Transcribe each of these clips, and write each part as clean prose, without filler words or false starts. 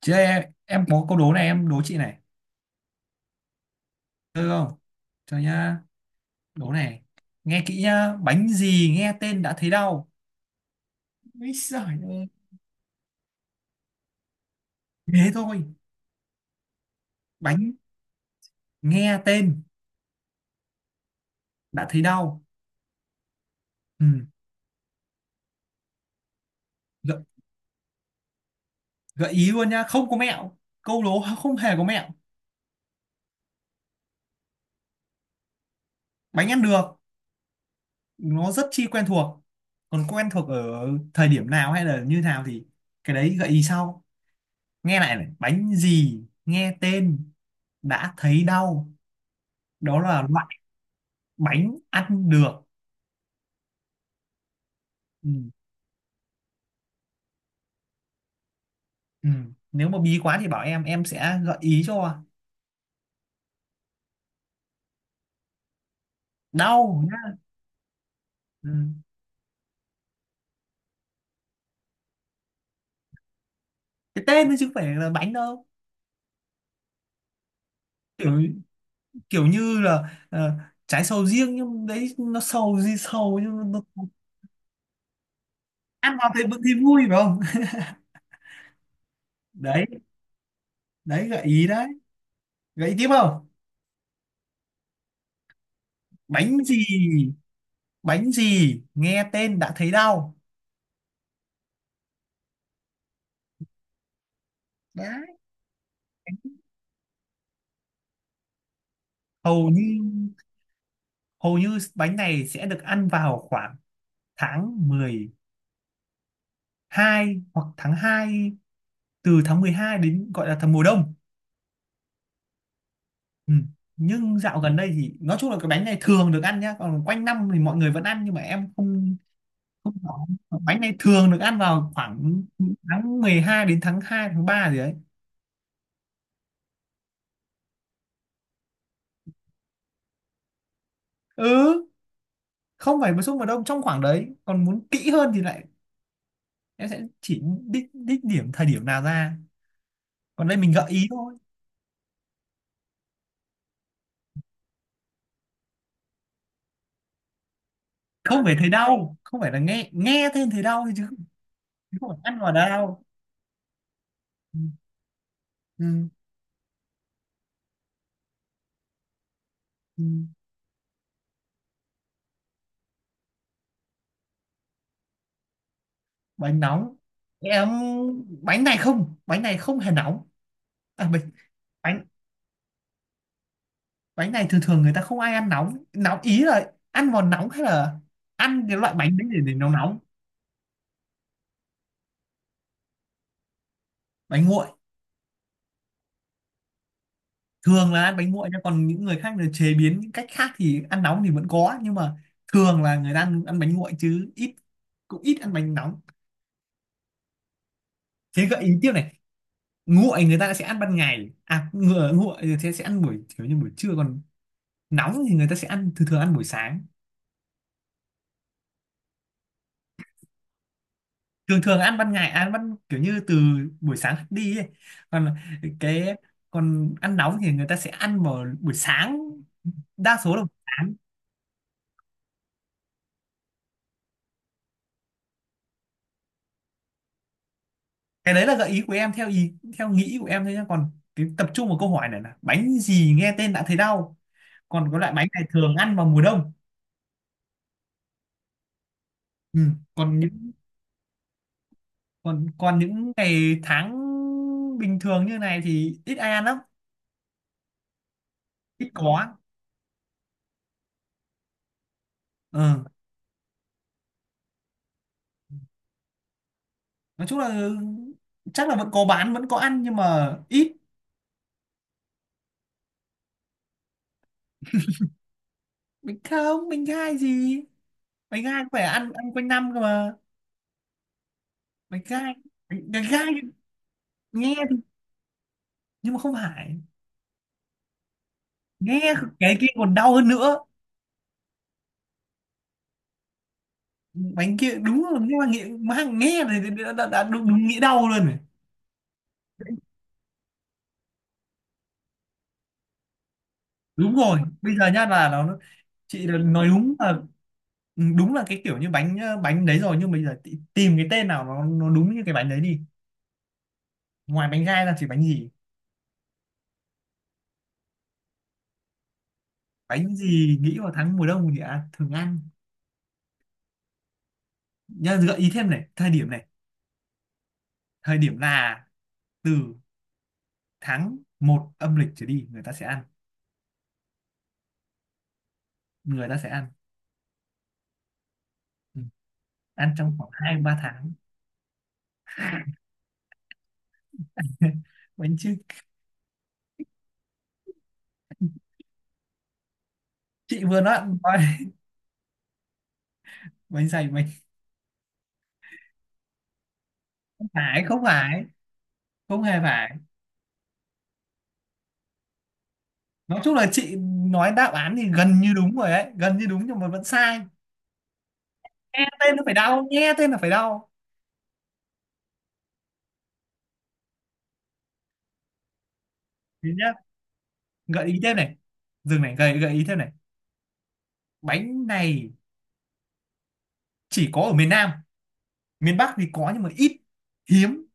Chứ em có câu đố này, em đố chị này. Được không? Cho nhá. Đố này. Nghe kỹ nhá. Bánh gì nghe tên đã thấy đau. Úi giời ơi. Thế thôi. Bánh nghe tên đã thấy đau. Ừ. Gợi, gợi ý luôn nhá. Không có mẹo. Câu đố không hề có mẹo. Bánh ăn được. Nó rất chi quen thuộc. Còn quen thuộc ở thời điểm nào hay là như nào thì cái đấy gợi ý sau. Nghe lại này. Bánh gì nghe tên đã thấy đau. Đó là bánh ăn được, ừ. Ừ. Nếu mà bí quá thì bảo em sẽ gợi ý cho. Đau nhá. Ừ. Cái tên thôi chứ không phải là bánh đâu. Kiểu kiểu như là trái sầu riêng, nhưng đấy nó sầu gì sầu, nhưng nó, ăn vào thì vẫn thấy vui phải không? Đấy. Đấy gợi ý đấy. Gợi ý tiếp không? Bánh gì? Bánh gì nghe tên đã thấy đau? Đấy. Hầu như hầu như bánh này sẽ được ăn vào khoảng tháng mười hai hoặc tháng hai, từ tháng 12 đến, gọi là tháng mùa đông. Ừ. Nhưng dạo gần đây thì nói chung là cái bánh này thường được ăn nhá, còn quanh năm thì mọi người vẫn ăn, nhưng mà em không không có, bánh này thường được ăn vào khoảng tháng 12 đến tháng hai, tháng 3 gì đấy. Ừ, không phải mùa xuân, mùa đông, trong khoảng đấy. Còn muốn kỹ hơn thì lại em sẽ chỉ đích đích điểm thời điểm nào ra, còn đây mình gợi ý thôi. Không phải thấy đau, không phải, là nghe, tên thấy đau thôi chứ, chứ không phải ăn vào đau. Ừ. Ừ. Ừ. Bánh nóng? Em, bánh này không, bánh này không hề nóng. À, bánh, bánh bánh này thường thường người ta không ai ăn nóng, nóng ý là ăn vào nóng hay là ăn cái loại bánh đấy để nó nóng. Bánh nguội, thường là ăn bánh nguội nha, còn những người khác là chế biến những cách khác thì ăn nóng thì vẫn có, nhưng mà thường là người ta ăn, ăn bánh nguội, chứ ít, cũng ít ăn bánh nóng. Thế gợi ý tiếp này. Nguội người ta sẽ ăn ban ngày, à, ngựa nguội thì sẽ ăn buổi, kiểu như buổi trưa, còn nóng thì người ta sẽ ăn, thường thường ăn buổi sáng, thường thường ăn ban ngày, ăn ban kiểu như từ buổi sáng đi ấy. Còn cái, còn ăn nóng thì người ta sẽ ăn vào buổi sáng, đa số là buổi sáng. Cái đấy là gợi ý của em, theo ý theo nghĩ của em thôi nhá, còn cái tập trung vào câu hỏi này là bánh gì nghe tên đã thấy đau, còn có loại bánh này thường ăn vào mùa đông. Ừ. Còn những, còn còn những ngày tháng bình thường như này thì ít ai ăn lắm, ít có. Ừ. Nói chung là chắc là vẫn có bán, vẫn có ăn nhưng mà ít. Bánh không, bánh gai gì, bánh gai phải ăn, ăn quanh năm cơ mà. Bánh gai, bánh, bánh gai nghe thì- nhưng mà không phải. Nghe, cái kia còn đau hơn nữa. Bánh kia đúng rồi, nhưng mà nghĩ mang nghe thì đã đúng, đúng nghĩ đau luôn rồi. Đúng rồi, bây giờ nhá là nó, chị là nói đúng là, đúng là cái kiểu như bánh, bánh đấy rồi, nhưng bây giờ tìm cái tên nào nó đúng như cái bánh đấy đi. Ngoài bánh gai ra thì bánh gì? Bánh gì nghĩ vào tháng mùa đông thì, à, thường ăn, nhá gợi ý thêm này. Thời điểm này, thời điểm là từ tháng một âm lịch trở đi người ta sẽ ăn, người ta sẽ ăn. Ừ. Ăn trong khoảng hai ba tháng. Bánh chứ. Chị vừa nói nói bánh dày, bánh không phải, không phải, không hề phải. Nói chung là chị nói đáp án thì gần như đúng rồi đấy, gần như đúng nhưng mà vẫn sai. Nghe tên nó phải đau, nghe tên là phải đau. Thế nhá, gợi ý thêm này, dừng này, gợi gợi ý thêm này. Bánh này chỉ có ở miền Nam, miền Bắc thì có nhưng mà ít, hiếm.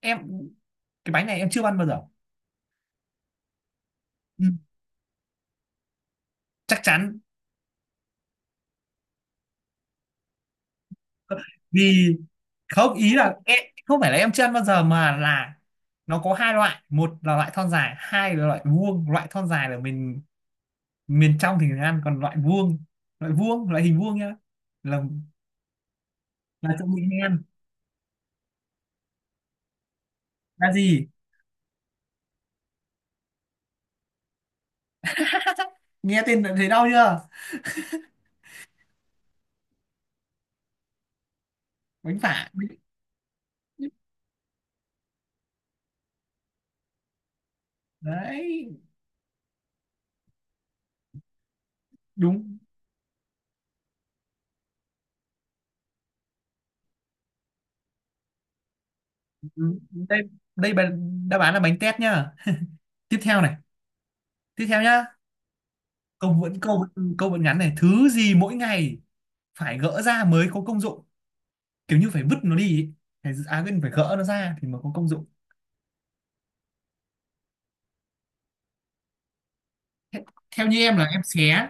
Em, cái bánh này em chưa ăn bao giờ. Ừ, chắc chắn. Vì không, ý là em, không phải là em chưa ăn bao giờ, mà là nó có hai loại, một là loại thon dài, hai là loại vuông. Loại thon dài là mình miền trong thì mình ăn, còn loại vuông, loại vuông, loại hình vuông nhá, là là chỗ mình hay ăn. Là gì? Nghe tên đã thấy đau chưa? Bánh phả. Đấy. Đúng, đúng. Đây, đây đáp án là bánh tét nhá. Tiếp theo này, tiếp theo nhá. Câu vẫn câu, câu vẫn ngắn này. Thứ gì mỗi ngày phải gỡ ra mới có công dụng, kiểu như phải vứt nó đi ý. Phải, à quên, phải gỡ nó ra thì mới có công dụng. Thế- theo như em là em xé.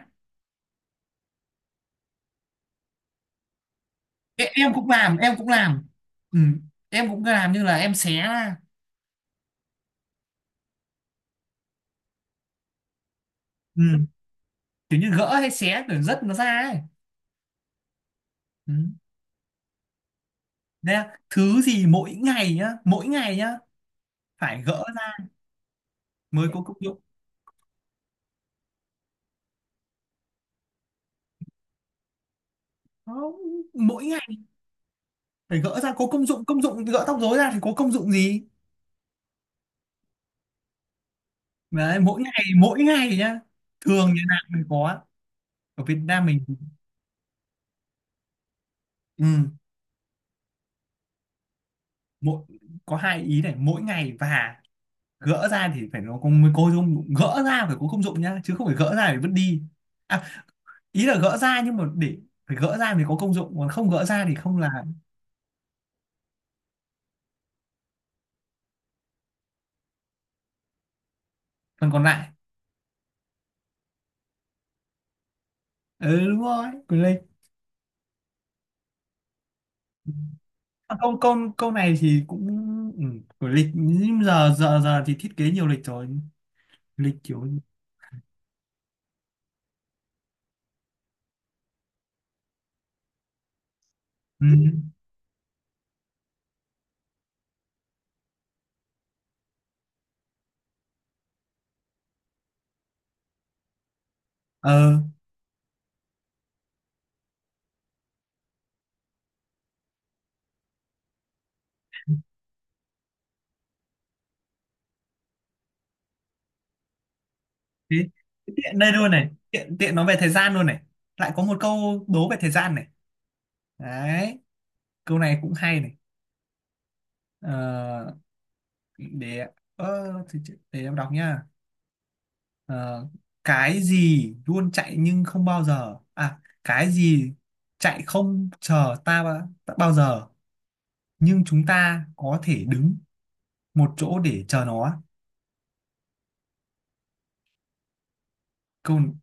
Ê, em cũng làm, em cũng làm. Ừ, em cũng làm như là em xé ra. Ừ, kiểu như gỡ hay xé để rất nó ra ấy. Ừ. Đấy là thứ gì mỗi ngày nhá, mỗi ngày nhá, phải gỡ ra mới có công dụng. Không, mỗi ngày phải gỡ ra có công dụng. Công dụng, gỡ tóc rối ra thì có công dụng gì? Đấy, mỗi ngày, mỗi ngày nhá, thường như nào mới có, ở Việt Nam mình. Ừ. Mỗi, có hai ý này, mỗi ngày và gỡ ra thì phải nó có, mới có công dụng, gỡ ra phải có công dụng nhá, chứ không phải gỡ ra để vứt đi. À, ý là gỡ ra nhưng mà để, phải gỡ ra thì có công dụng, còn không gỡ ra thì không là phần còn lại. Ừ đúng rồi, của lịch. À, câu câu câu này thì cũng, ừ, của lịch, nhưng giờ giờ giờ thì thiết kế nhiều lịch rồi, lịch kiểu. Ừ. Ờ thế, thế tiện đây luôn này, tiện tiện nói về thời gian luôn này, lại có một câu đố về thời gian này. Đấy, câu này cũng hay này. Ờ, để, để em đọc nha. Ờ, cái gì luôn chạy nhưng không bao giờ, à cái gì chạy không chờ ta, ta bao giờ, nhưng chúng ta có thể đứng một chỗ để chờ nó. Câu,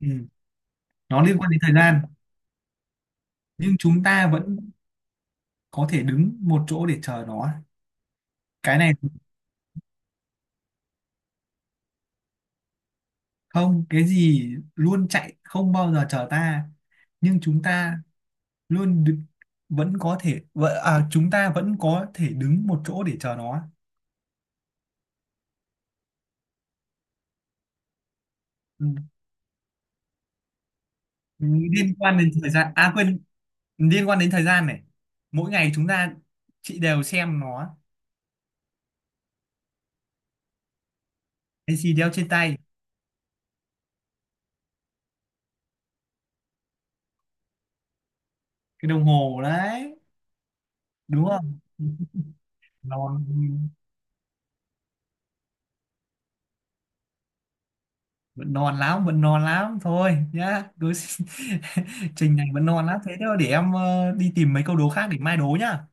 ừ, nó liên quan đến thời gian. Nhưng chúng ta vẫn có thể đứng một chỗ để chờ nó. Cái này không, cái gì luôn chạy không bao giờ chờ ta, nhưng chúng ta luôn đ- vẫn có thể à, chúng ta vẫn có thể đứng một chỗ để chờ nó. Ừ. Liên quan đến thời gian, à quên, liên quan đến thời gian này. Mỗi ngày chúng ta, chị đều xem nó. Cái gì đeo trên tay? Cái đồng hồ đấy đúng không? Non, vẫn non lắm, vẫn non lắm thôi nhá. Đối trình này vẫn non lắm. Thế thôi, để em, đi tìm mấy câu đố khác để mai đố nhá.